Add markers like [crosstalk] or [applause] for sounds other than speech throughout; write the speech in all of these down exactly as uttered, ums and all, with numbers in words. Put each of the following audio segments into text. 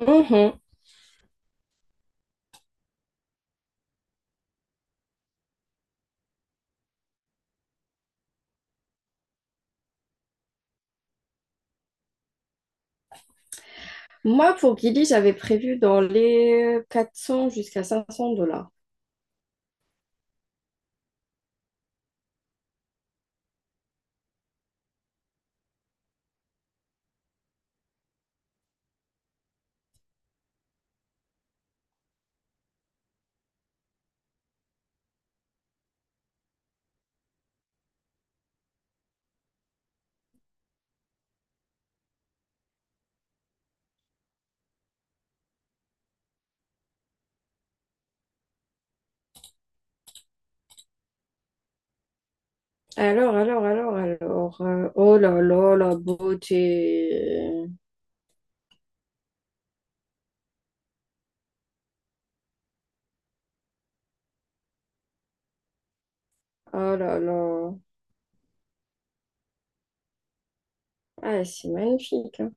Mhm. Moi, pour Gilly, j'avais prévu dans les quatre cents jusqu'à cinq cents dollars. Alors, alors, alors, alors. Euh, oh là là, la beauté. Oh là là. Ah, c'est magnifique, hein.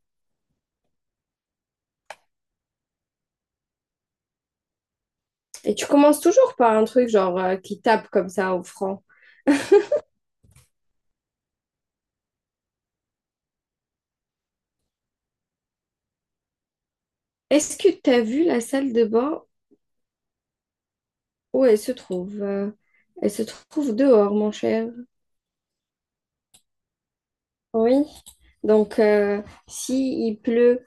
Et tu commences toujours par un truc genre euh, qui tape comme ça au franc. Est-ce que tu as vu la salle de bain où elle se trouve? euh, Elle se trouve dehors, mon cher. Oui. Donc, euh, si il pleut,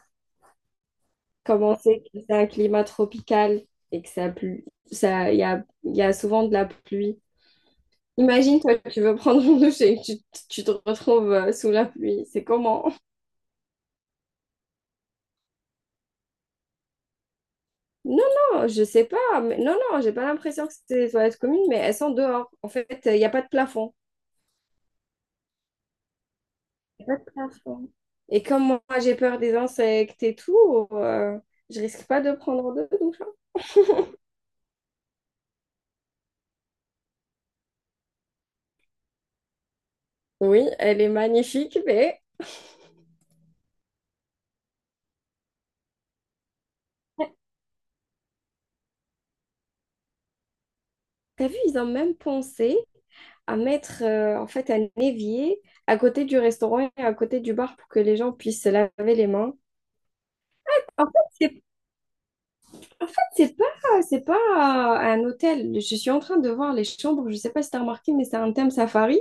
comme on sait que c'est un climat tropical et que ça pue, ça, il y a, il y a souvent de la pluie. Imagine, toi, tu veux prendre une douche et tu, tu te retrouves euh, sous la pluie. C'est comment? Non, non, je sais pas. Mais- non, non, j'ai pas l'impression que c'est des toilettes communes, mais elles sont dehors. En fait, il n'y a pas de plafond. Y a pas de plafond. Et comme moi, j'ai peur des insectes et tout, euh, je risque pas de prendre de douche, hein. Oui, elle est magnifique, mais t'as vu, ils ont même pensé à mettre euh, en fait un évier à côté du restaurant et à côté du bar pour que les gens puissent se laver les mains. En fait, c'est pas, c'est pas, c'est pas euh, un hôtel. Je suis en train de voir les chambres. Je sais pas si t'as remarqué, mais c'est un thème safari.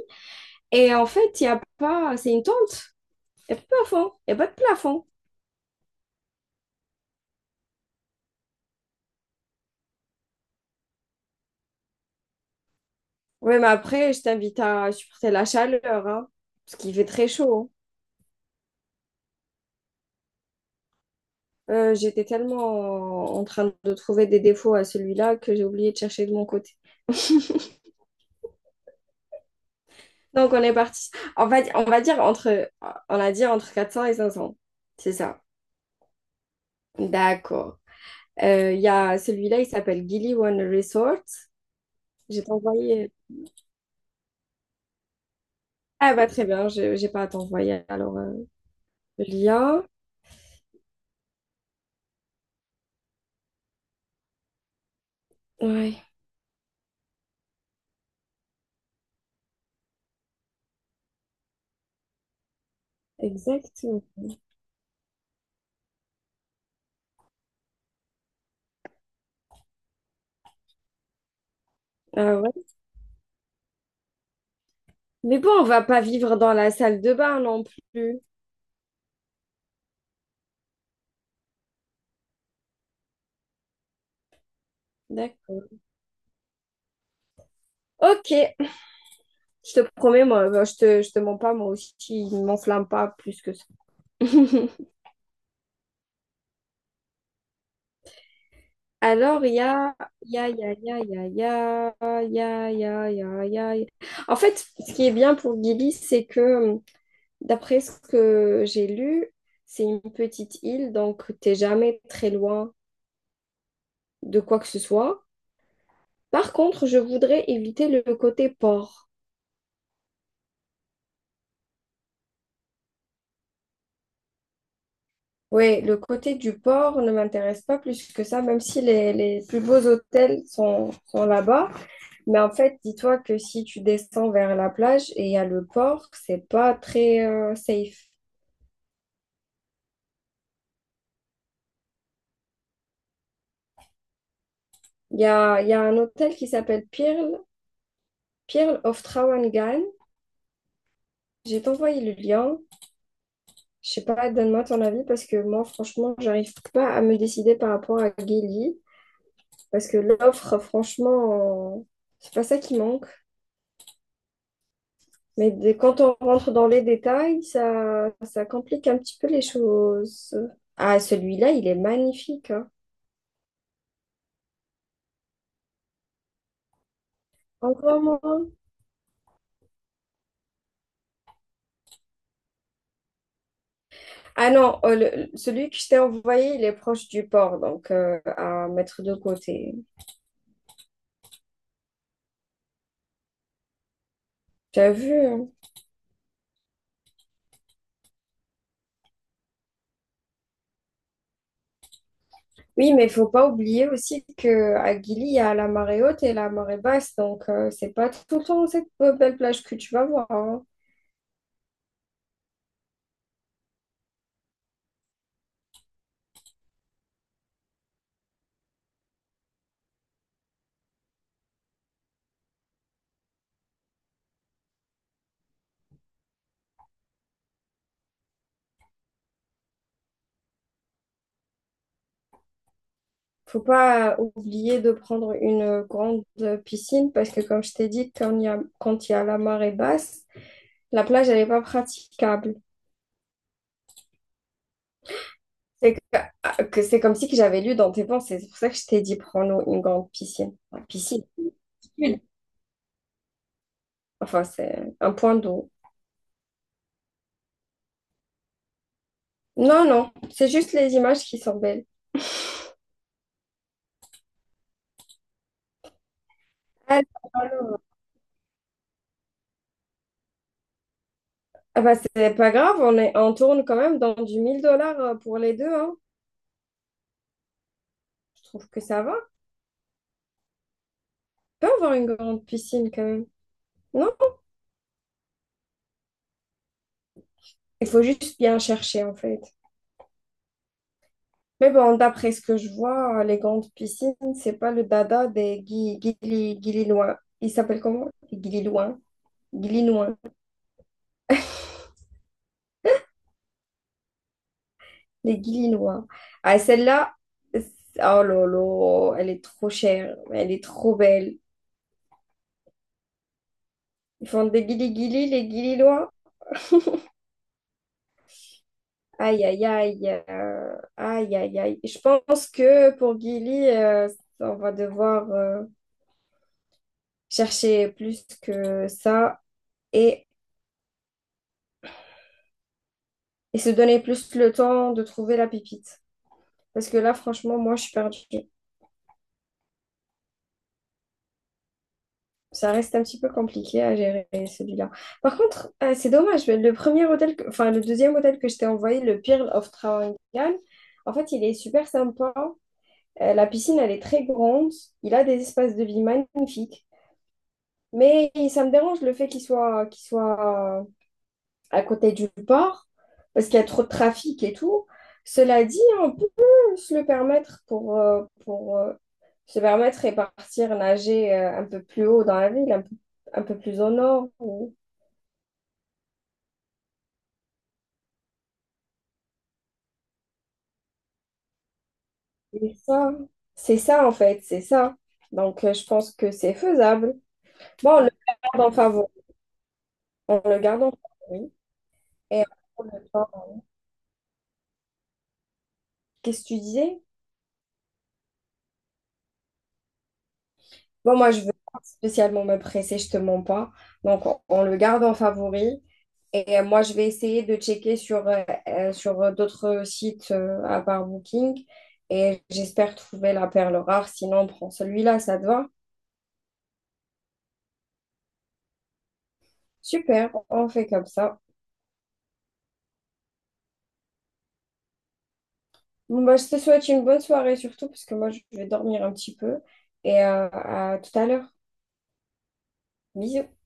Et en fait, il y a pas, c'est une tente. Il n'y a pas de plafond. Il n'y a pas de plafond. Ouais, mais après, je t'invite à supporter la chaleur, hein, parce qu'il fait très chaud, hein. Euh, j'étais tellement en train de trouver des défauts à celui-là que j'ai oublié de chercher de mon côté. [laughs] Donc, on est parti. On va, on va dire entre, on a dit entre quatre cents et cinq cents. C'est ça. D'accord. Euh, Il y a celui-là, il s'appelle Gili One Resort. J'ai t'envoyé. Ah bah, très bien. Je J'ai pas à t'envoyer alors, euh, le lien. Ouais, exactement. Ah ouais. Mais bon, on va pas vivre dans la salle de bain non plus. D'accord. Ok. Je te promets, moi, bah, je te, je te mens pas, moi aussi, il m'enflamme pas plus que ça. [laughs] Alors, il y a, il y a, il y a, il y a, il y a, il y a, il y a, il y a, il y a, il y a- En fait, ce qui est bien pour Gili, c'est que, hum, d'après ce que j'ai lu, c'est une petite île, donc t'es jamais très loin de quoi que ce soit. Par contre, je voudrais éviter le côté port. Oui, le côté du port ne m'intéresse pas plus que ça, même si les, les plus beaux hôtels sont, sont là-bas. Mais en fait, dis-toi que si tu descends vers la plage et il y a le port, c'est pas très euh, safe. Il y a, il y a un hôtel qui s'appelle Pearl, Pearl of Trawangan. J'ai t'envoyé le lien. Je sais pas, donne-moi ton avis parce que moi, franchement, j'arrive pas à me décider par rapport à Gili. Parce que l'offre, franchement, euh, c'est pas ça qui manque. Mais dès- quand on rentre dans les détails, ça, ça complique un petit peu les choses. Ah, celui-là, il est magnifique, hein. Envoie-moi. Ah non, euh, le- le- celui que je t'ai envoyé, il est proche du port, donc euh, à mettre de côté. T'as vu, hein? Oui, mais il faut pas oublier aussi que à Gili, il y a la marée haute et la marée basse, donc euh, c'est pas tout le temps cette euh, belle plage que tu vas voir, hein. Faut pas oublier de prendre une grande piscine parce que comme je t'ai dit, quand il y a, quand il y a la marée basse, la plage, elle est pas praticable. C'est que, ah, que c'est comme si que j'avais lu dans tes pensées. C'est pour ça que je t'ai dit, prends-nous une grande piscine. Enfin, piscine. Enfin, c'est un point d'eau. Non, non, c'est juste les images qui sont belles. Ah, alors. Ah bah, c'est pas grave, on est, on tourne quand même dans du mille dollars euh, pour les deux, hein. Je trouve que ça va. On peut avoir une grande piscine quand même. Non, il faut juste bien chercher en fait. Mais bon, d'après ce que je vois, les grandes piscines, c'est pas le dada des Gui- Guili- Guilinois. Ils s'appellent comment? Les Guilinois. Guilinois. Les Guilinois. Ah, celle-là, c'est- oh lolo, elle est trop chère, mais elle est trop belle. Ils font des guilis guilis les guililois. Aïe, aïe, aïe. Euh, aïe, aïe, aïe. Je pense que pour guili, euh, on va devoir euh, chercher plus que ça et, et se donner plus le temps de trouver la pépite. Parce que là, franchement, moi, je suis perdue. Ça reste un petit peu compliqué à gérer celui-là. Par contre, euh, c'est dommage. Mais le premier hôtel, que- enfin, le deuxième hôtel que je t'ai envoyé, le Pearl of Trawangan, en fait, il est super sympa. Euh, la piscine, elle est très grande. Il a des espaces de vie magnifiques. Mais ça me dérange le fait qu'il soit, qu'il soit à côté du port, parce qu'il y a trop de trafic et tout. Cela dit, on peut se le permettre pour, euh, pour euh, se permettre et partir nager euh, un peu plus haut dans la ville, un peu, un peu plus au nord. Ou- et ça, c'est ça en fait, c'est ça. Donc euh, je pense que c'est faisable. Bon, on le garde en favori. On le garde en favori. Et on prend le temps. Qu'est-ce que tu disais? Bon, moi, je veux pas spécialement me presser, je te mens pas. Donc, on, on le garde en favori. Et euh, moi, je vais essayer de checker sur, euh, euh, sur d'autres sites euh, à part Booking. Et j'espère trouver la perle rare. Sinon, on prend celui-là, ça te va? Super, on fait comme ça. Bon bah, je te souhaite une bonne soirée surtout, parce que moi, je vais dormir un petit peu. Et euh, à tout à l'heure. Bisous.